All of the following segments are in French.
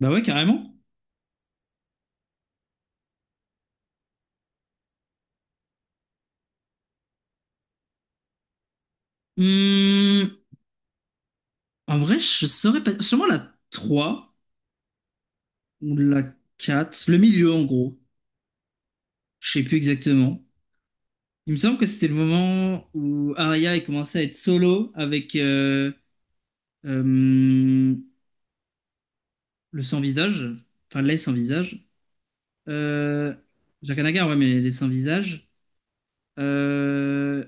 Bah ouais, carrément. Hum, En vrai, je saurais pas. Sûrement la 3 ou la quatre. Le milieu, en gros. Je sais plus exactement. Il me semble que c'était le moment où Arya est commencé à être solo avec euh, le sans-visage. Enfin, les sans-visage. Euh, Jaqen H'ghar, ouais, mais les sans-visage. Euh,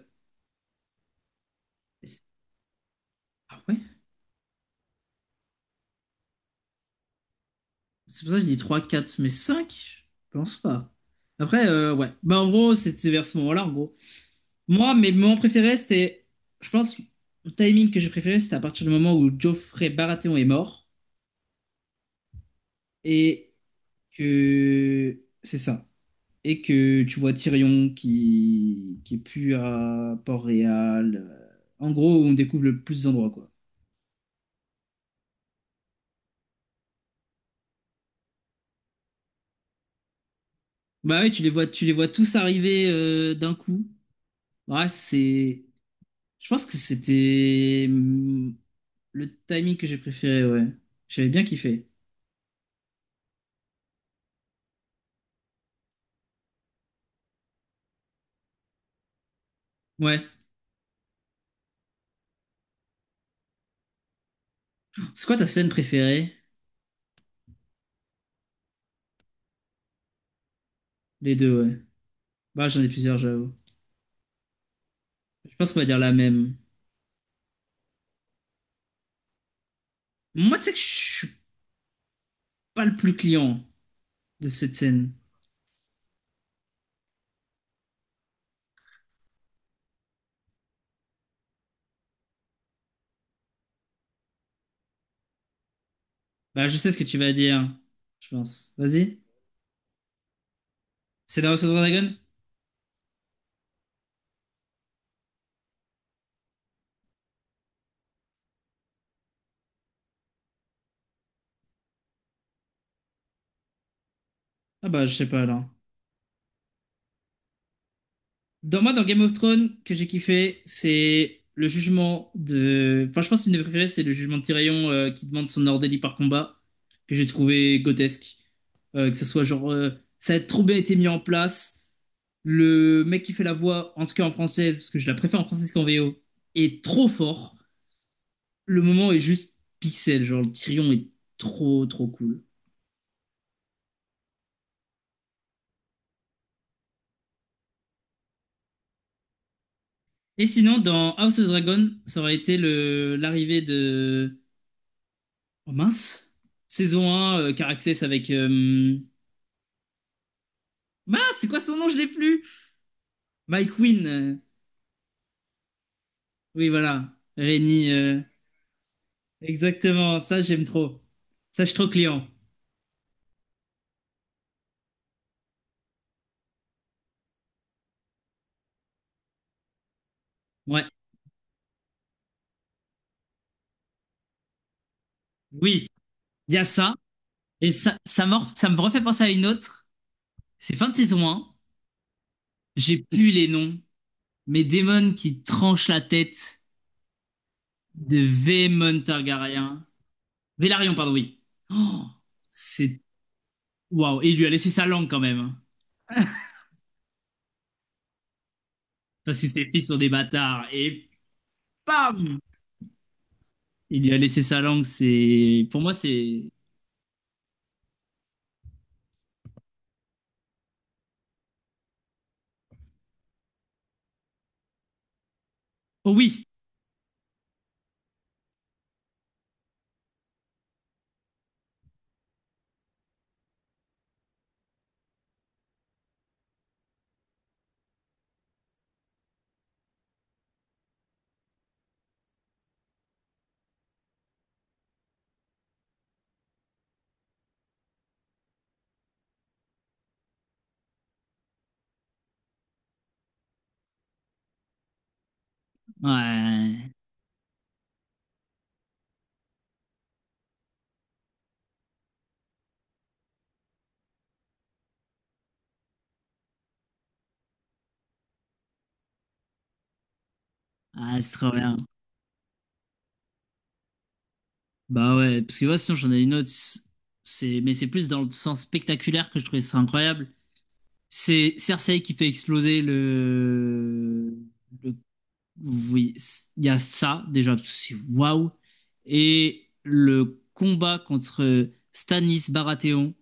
Ah ouais? C'est pour ça que je dis trois quatre mais cinq. Je pense pas. Après, ouais. Bah, en gros, c'est vers ce moment-là, en gros. Moi, mes moments préférés, c'était. Je pense, le timing que j'ai préféré, c'était à partir du moment où Geoffrey Baratheon est mort. Et que. C'est ça. Et que tu vois Tyrion qui est plus à Port-Réal. En gros, on découvre le plus d'endroits, quoi. Bah oui, tu les vois tous arriver d'un coup. Ouais, c'est. Je pense que c'était le timing que j'ai préféré, ouais. J'avais bien kiffé. Ouais. C'est quoi ta scène préférée? Les deux, ouais. Bah, j'en ai plusieurs, j'avoue. Je pense qu'on va dire la même. Moi, tu sais que je suis pas le plus client de cette scène. Bah, je sais ce que tu vas dire, je pense. Vas-y. C'est dans House of the Dragon? Ah bah, je sais pas, alors. Moi, dans Game of Thrones, que j'ai kiffé, c'est le jugement de... Enfin, je pense que une des préférées, c'est le jugement de Tyrion qui demande son ordélie par combat, que j'ai trouvé grotesque. Que ce soit genre... ça a trop bien été mis en place. Le mec qui fait la voix, en tout cas en française, parce que je la préfère en française qu'en VO, est trop fort. Le moment est juste pixel, genre le Tyrion est trop trop cool. Et sinon, dans House of Dragon, ça aurait été le l'arrivée de. Oh mince! Saison 1, Caraxes avec. Mince, c'est quoi son nom? Je l'ai plus! Mike Wynn. Oui, voilà. Rennie. Exactement, ça j'aime trop. Ça, je suis trop client. Ouais. Oui, il y a ça. Et ça me refait penser à une autre. C'est fin de saison 1. J'ai plus les noms. Mais Damon qui tranche la tête de Vémon Targaryen. Velaryon, pardon, oui. Oh, c'est. Waouh. Et il lui a laissé sa langue quand même, hein. Parce que ses fils sont des bâtards. Et bam! Il lui a laissé sa langue. C'est. Pour moi, c'est. Oh oui! Ouais. Ah, c'est trop bien. Bah ouais. Parce que moi, sinon, j'en ai une autre. C'est. Mais c'est plus dans le sens spectaculaire que je trouvais ça incroyable. C'est Cersei qui fait exploser le. le Oui, il y a ça déjà, parce que c'est waouh. Et le combat contre Stanis Baratheon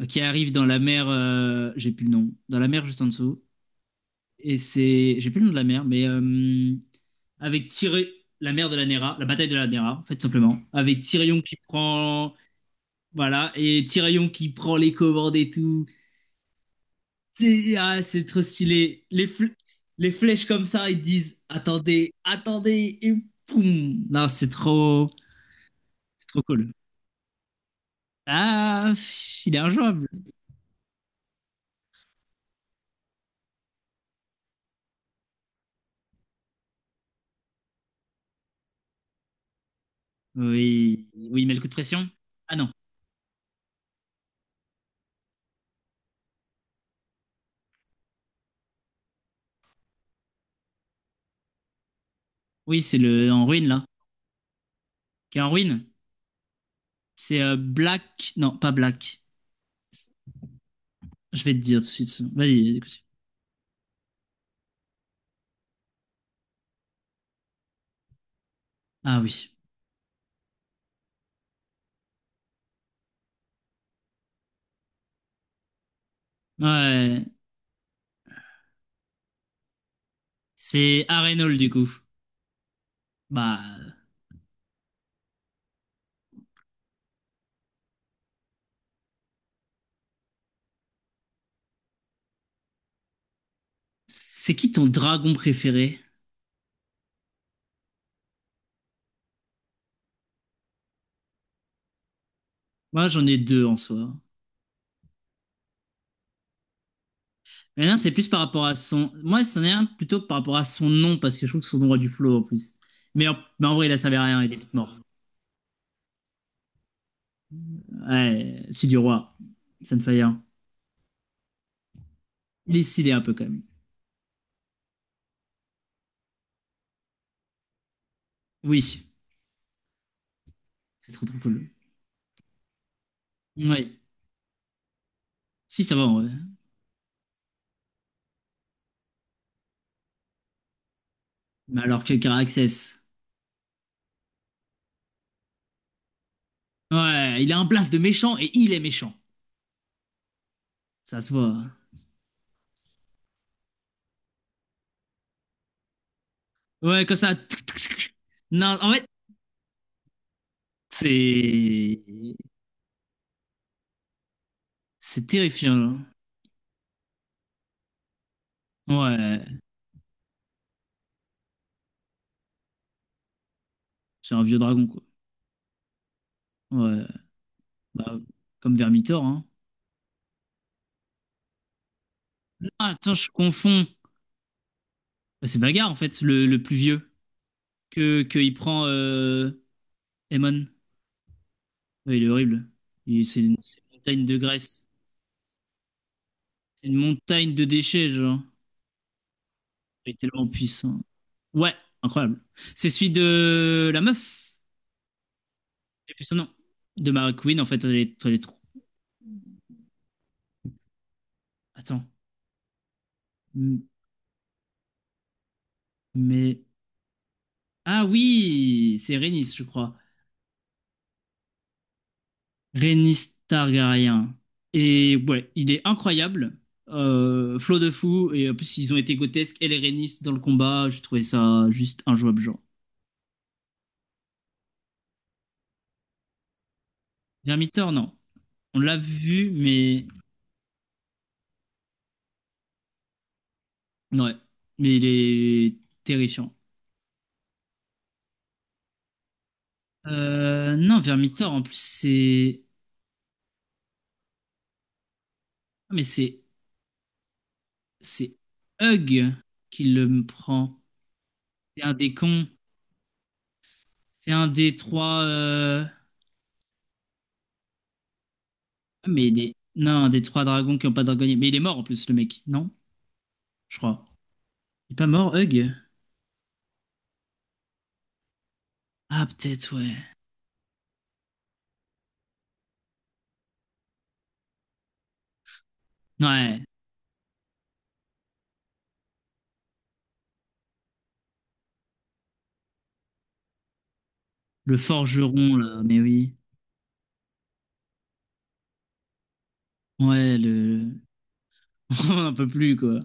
qui arrive dans la mer, j'ai plus le nom, dans la mer juste en dessous. Et c'est, j'ai plus le nom de la mer, mais avec Tyrion, la mer de la Nera, la bataille de la Nera, en fait, tout simplement. Avec Tyrion qui prend, voilà, et Tyrion qui prend les commandes et tout. C'est trop stylé. Les flèches comme ça, ils disent attendez, attendez, et poum. Non, c'est trop cool. Ah, pff, il est injouable. Oui, oui, mais le coup de pression. Ah non, oui, c'est le en ruine là. Qui est en ruine. C'est Black. Non, pas Black. Je vais te dire tout de suite. Vas-y, écoute. Ah oui. Ouais. C'est Arenol du coup. Bah, c'est qui ton dragon préféré? Moi, j'en ai deux en soi. Mais non, c'est plus par rapport à son. Moi, c'en est un plutôt par rapport à son nom, parce que je trouve que son nom a du flow en plus. Mais en vrai, il a servi à rien, il est vite mort. Ouais, c'est du roi. Sunfire. Il est stylé un peu quand même. Oui, c'est trop trop cool. Oui. Si, ça va en vrai. Mais alors que Caraxes. Ouais, il a un place de méchant et il est méchant. Ça se voit, hein. Ouais, comme ça. Tuc, tuc, tuc. Non, en fait, c'est. C'est terrifiant, là. Ouais. C'est un vieux dragon, quoi. Ouais. Bah, comme Vermitor, hein. Ah, attends, je confonds. Bah, c'est Bagarre, en fait, le plus vieux. Que il prend Emon. Ouais, il est horrible. C'est une montagne de graisse. C'est une montagne de déchets, genre. Il est tellement puissant. Ouais, incroyable. C'est celui de la meuf. J'ai plus son nom. De Mara Queen, en fait, elle est trop. Attends. M- Mais. Ah oui! C'est Rhaenys, je crois. Rhaenys Targaryen. Et ouais, il est incroyable. Flot de fou. Et en plus, ils ont été grotesques. Elle et Rhaenys dans le combat, je trouvais ça juste injouable, genre. Vermithor, non. On l'a vu, mais... Ouais. Mais il est terrifiant. Non, Vermithor, en plus, c'est. Ah, mais c'est. C'est Hug qui le prend. C'est un des cons. C'est un des trois. Ah, mais il est. Non, un des trois dragons qui n'ont pas dragonnier. Mais il est mort, en plus, le mec, non? Je crois. Il est pas mort, Hug. Ah, peut-être, ouais. Ouais, le forgeron, là, mais oui. Ouais, le. On n'en peut plus, quoi.